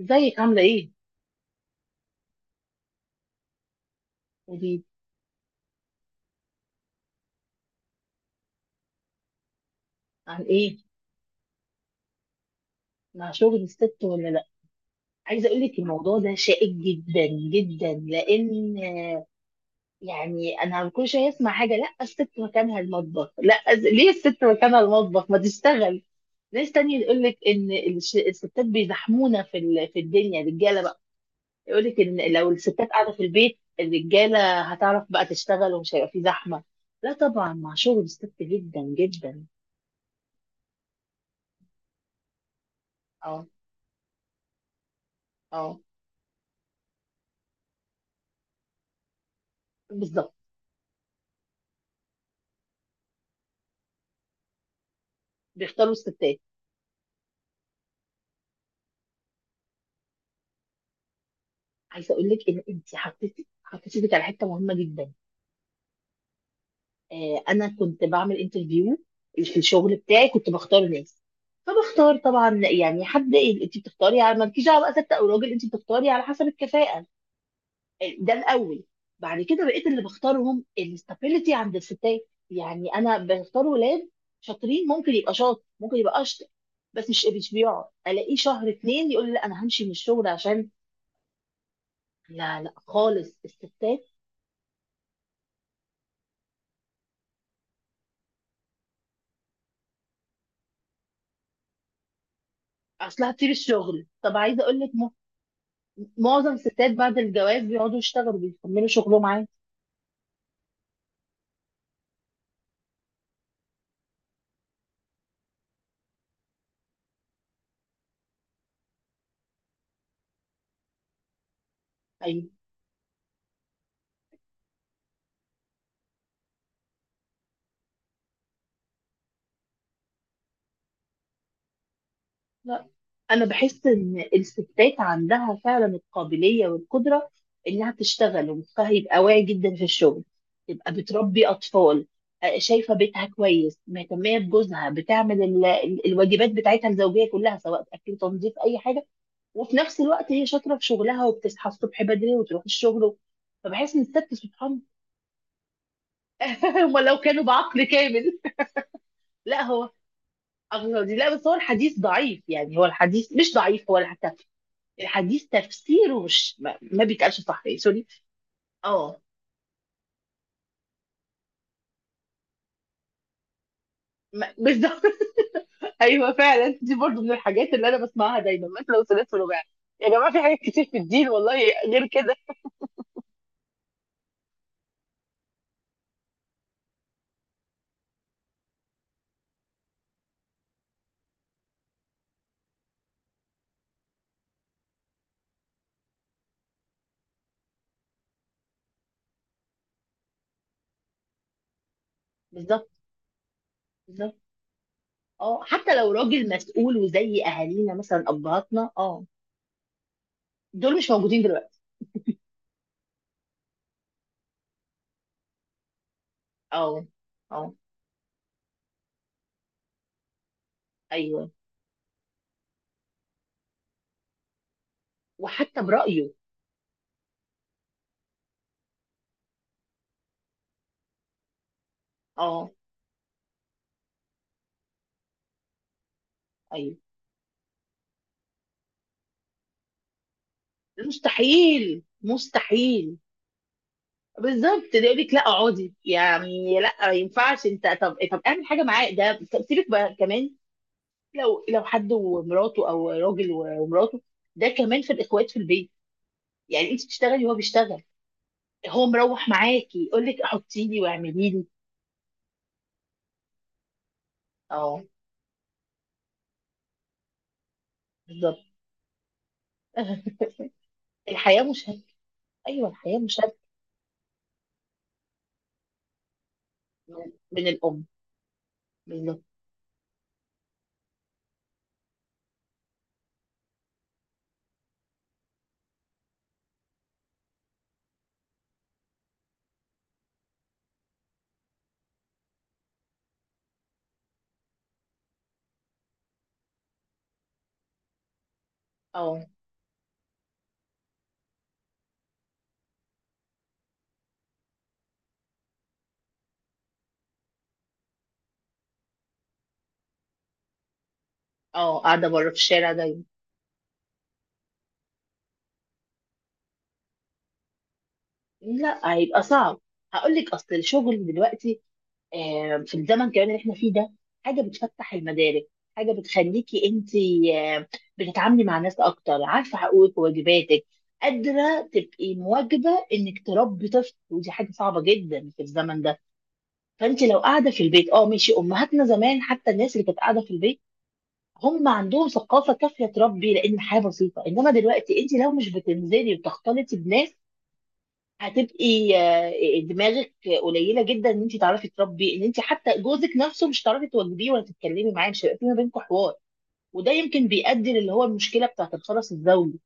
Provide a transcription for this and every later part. ازيك؟ عامله ايه؟ ودي عن ايه؟ مع شغل الست ولا لا؟ عايزه اقول لك الموضوع ده شائك جدا جدا لان انا كل شويه اسمع حاجه. لا الست مكانها المطبخ، لا ليه الست مكانها المطبخ؟ ما تشتغل. ناس تانية يقول لك ان الستات بيزحمونا في الدنيا الرجاله بقى. يقول لك ان لو الستات قاعده في البيت الرجاله هتعرف بقى تشتغل ومش هيبقى في زحمه. لا طبعا مع شغل الست جدا جدا. اه اه بالظبط. بيختاروا الستات. عايزه اقول لك ان انت حطيتي ايدك على حته مهمه جدا. آه، انا كنت بعمل انترفيو في الشغل بتاعي، كنت بختار ناس. فبختار طبعا يعني حد. انت بتختاري على مالكيش دعوه بقى ست او راجل، انت بتختاري على حسب الكفاءه. آه، ده الاول. بعد كده بقيت اللي بختارهم الاستابيليتي عند الستات، يعني انا بختار ولاد شاطرين، ممكن يبقى شاطر ممكن يبقى اشطر، بس مش بيقعد الاقيه شهر اتنين يقول لي لا انا همشي من الشغل عشان. لا لا خالص الستات. اصل هتسيب الشغل. طب عايزه اقول لك معظم الستات بعد الجواز بيقعدوا يشتغلوا بيكملوا شغلهم عادي. ايوه. لا، انا بحس ان الستات عندها فعلا القابليه والقدره انها تشتغل ومخها يبقى واعي جدا في الشغل، تبقى بتربي اطفال. آه، شايفه بيتها كويس، مهتميه بجوزها، بتعمل الواجبات بتاعتها الزوجيه كلها سواء اكل تنظيف اي حاجه. وفي نفس الوقت هي شاطره في شغلها وبتصحى الصبح بدري وتروح الشغل. فبحس ان الست سبحان هم لو كانوا بعقل كامل. لا هو أغنى، لا بس هو الحديث ضعيف، يعني هو الحديث مش ضعيف هو حتى الحديث تفسيره مش ما بيتقالش صح، يعني سوري. اه بالظبط ايوه فعلا، دي برضو من الحاجات اللي انا بسمعها دايما، مثلا وثلاث ورباع. يا جماعه في حاجات كتير في الدين والله غير كده. بالظبط بالظبط. اه حتى لو راجل مسؤول وزي اهالينا مثلا، ابهاتنا. اه دول مش موجودين دلوقتي. اه اه ايوه. وحتى برايه. اه ايوه. مستحيل مستحيل. بالظبط، ده يقول لك لا اقعدي، يعني لا ما ينفعش انت. طب طب اعمل حاجه معاه، ده طب سيبك بقى كمان. لو لو حد ومراته او راجل ومراته، ده كمان في الاخوات في البيت، يعني انت بتشتغلي وهو بيشتغل، هو مروح معاكي يقول لك حطي لي واعملي لي. اه بالظبط. الحياه مشاهده. ايوه الحياه مشاهده. من من الام. بالظبط. اه اه قاعده بره في الشارع دايما. لا هيبقى صعب. هقول لك اصل الشغل دلوقتي، آه، في الزمن كمان اللي احنا فيه ده، حاجه بتفتح المدارك، حاجه بتخليكي انت آه، بتتعاملي مع ناس اكتر، عارفه حقوقك وواجباتك، قادره تبقي مواجبه انك تربي طفل، ودي حاجه صعبه جدا في الزمن ده. فانت لو قاعده في البيت اه ماشي، امهاتنا زمان حتى الناس اللي كانت قاعده في البيت هم عندهم ثقافه كافيه تربي لان الحياه بسيطه. انما دلوقتي انت لو مش بتنزلي وتختلطي بناس هتبقي آه، دماغك قليله جدا ان انت تعرفي تربي، ان انت حتى جوزك نفسه مش هتعرفي تواجهيه ولا تتكلمي معاه، مش هيبقى في ما بينكم حوار. وده يمكن بيؤدي للي هو المشكله بتاعت الخرس الزوجي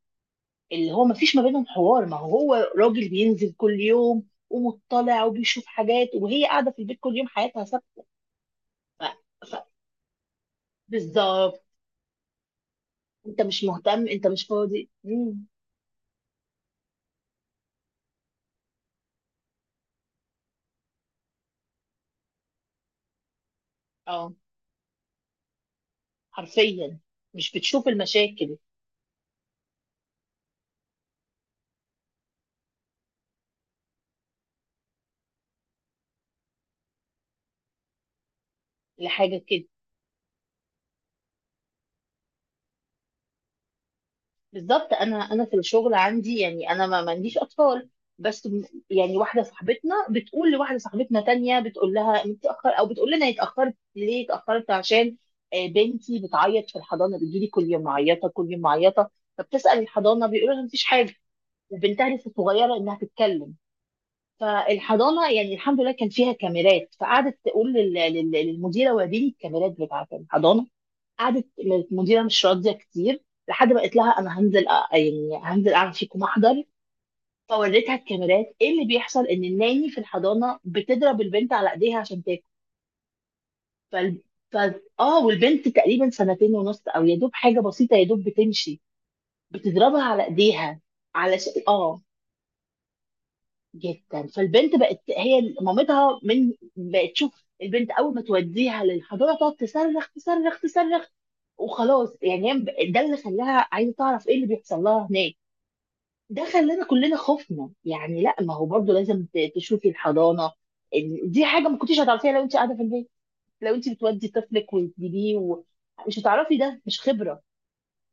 اللي هو ما فيش ما بينهم حوار. ما هو هو راجل بينزل كل يوم ومطلع وبيشوف حاجات، وهي قاعده في البيت كل يوم حياتها ثابته. ف- ف- بالظبط. انت مش مهتم، انت مش فاضي. اه حرفيا، مش بتشوف المشاكل. لحاجه كده. بالظبط، انا في الشغل عندي، يعني انا ما عنديش اطفال. بس م- يعني واحده صاحبتنا بتقول لواحده صاحبتنا تانية، بتقول لها انت اتاخر، او بتقول لنا اتاخرت ليه؟ اتاخرت عشان آه، بنتي بتعيط في الحضانه، بتجيلي كل يوم معيطه كل يوم معيطه. فبتسال الحضانه بيقولوا لها مفيش حاجه، وبنتها لسه صغيره انها تتكلم. فالحضانه يعني الحمد لله كان فيها كاميرات، فقعدت تقول للمديره وريني الكاميرات بتاعت الحضانه. قعدت المديره مش راضيه كتير، لحد ما قلت لها انا هنزل يعني هنزل اعمل فيكم محضر. فوريتها الكاميرات ايه اللي بيحصل، ان الناني في الحضانه بتضرب البنت على ايديها عشان تاكل. فال... ف... اه، والبنت تقريبا سنتين ونص، او يا دوب حاجه بسيطه، يا دوب بتمشي، بتضربها على ايديها. علشان اه جدا، فالبنت بقت هي مامتها، من بقت تشوف البنت اول ما توديها للحضانه تقعد تصرخ تصرخ تصرخ. وخلاص، يعني هي ده اللي خلاها عايزه تعرف ايه اللي بيحصل لها هناك. ده خلانا كلنا خفنا، يعني لا، ما هو برضو لازم تشوفي الحضانه. دي حاجه ما كنتيش هتعرفيها لو انت قاعده في البيت. لو انت بتودي طفلك وتجيبيه مش هتعرفي، ده مش خبره.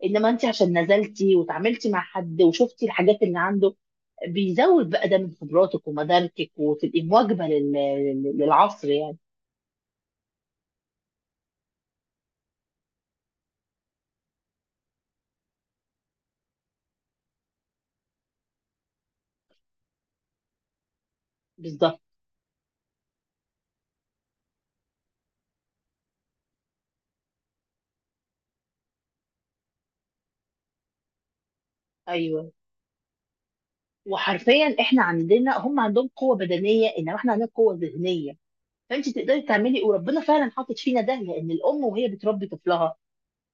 انما انت عشان نزلتي وتعاملتي مع حد وشفتي الحاجات اللي عنده بيزود بقى ده من خبراتك ومداركك، وتبقي مواكبه للعصر يعني. بالظبط. ايوه وحرفيا، احنا عندنا هم عندهم قوه بدنيه انما احنا عندنا قوه ذهنيه. فانت تقدري تعملي، وربنا فعلا حاطط فينا ده، لان الام وهي بتربي طفلها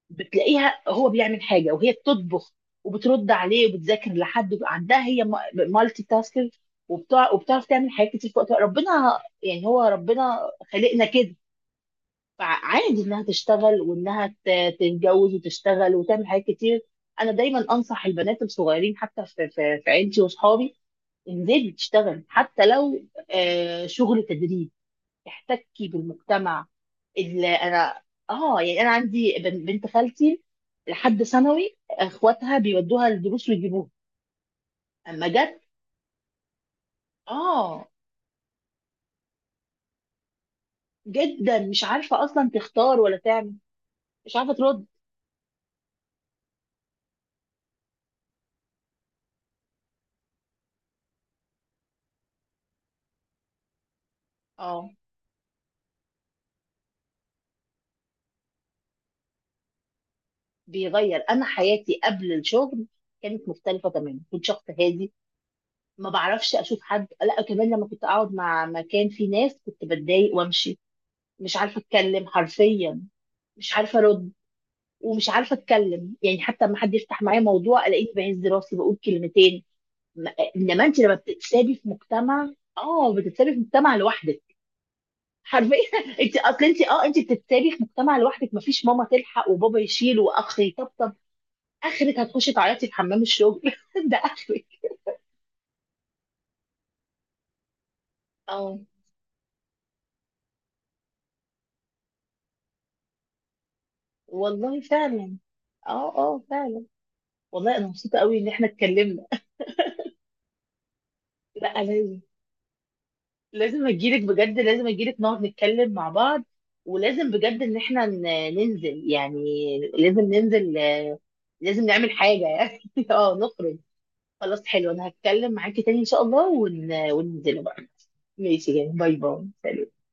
بتلاقيها هو بيعمل حاجه وهي بتطبخ وبترد عليه وبتذاكر لحد عندها هي مالتي تاسكر وبتاع، وبتعرف تعمل حاجات كتير في وقت واحد. ربنا يعني هو ربنا خلقنا كده. فعادي انها تشتغل وانها تتجوز وتشتغل وتعمل حاجات كتير. انا دايما انصح البنات الصغيرين حتى في عيلتي واصحابي انزلي تشتغل، حتى لو آه، شغل تدريب، تحتكي بالمجتمع. اللي انا اه يعني انا عندي بنت خالتي لحد ثانوي اخواتها بيودوها الدروس ويجيبوها. اما جت اه جدا مش عارفه اصلا تختار ولا تعمل، مش عارفه ترد. اه بيغير، انا حياتي قبل الشغل كانت مختلفه تماما، كنت شخص هادي ما بعرفش اشوف حد. لا كمان لما كنت اقعد مع مكان فيه ناس كنت بتضايق وامشي. مش عارفه اتكلم، حرفيا مش عارفه ارد، ومش عارفه اتكلم، يعني حتى لما حد يفتح معايا موضوع الاقيني بهز راسي بقول كلمتين. م- انما انت لما بتتسابي في مجتمع اه بتتسابي في مجتمع لوحدك، حرفيا. انت اصل انت اه انت بتتسابي في مجتمع لوحدك، مفيش ماما تلحق وبابا يشيل واخ يطبطب. اخرك هتخشي تعيطي في حمام الشغل. ده اخرك. اه والله فعلا. اه اه فعلا. والله انا مبسوطه قوي ان احنا اتكلمنا. لا لازم، لازم اجيلك بجد، لازم اجيلك نقعد نتكلم مع بعض. ولازم بجد ان احنا ننزل يعني، لازم ننزل، لازم نعمل حاجة يعني. اه نخرج. خلاص حلو، انا هتكلم معاكي تاني ان شاء الله وننزل بقى. ماشي، يعني باي باي، سلام.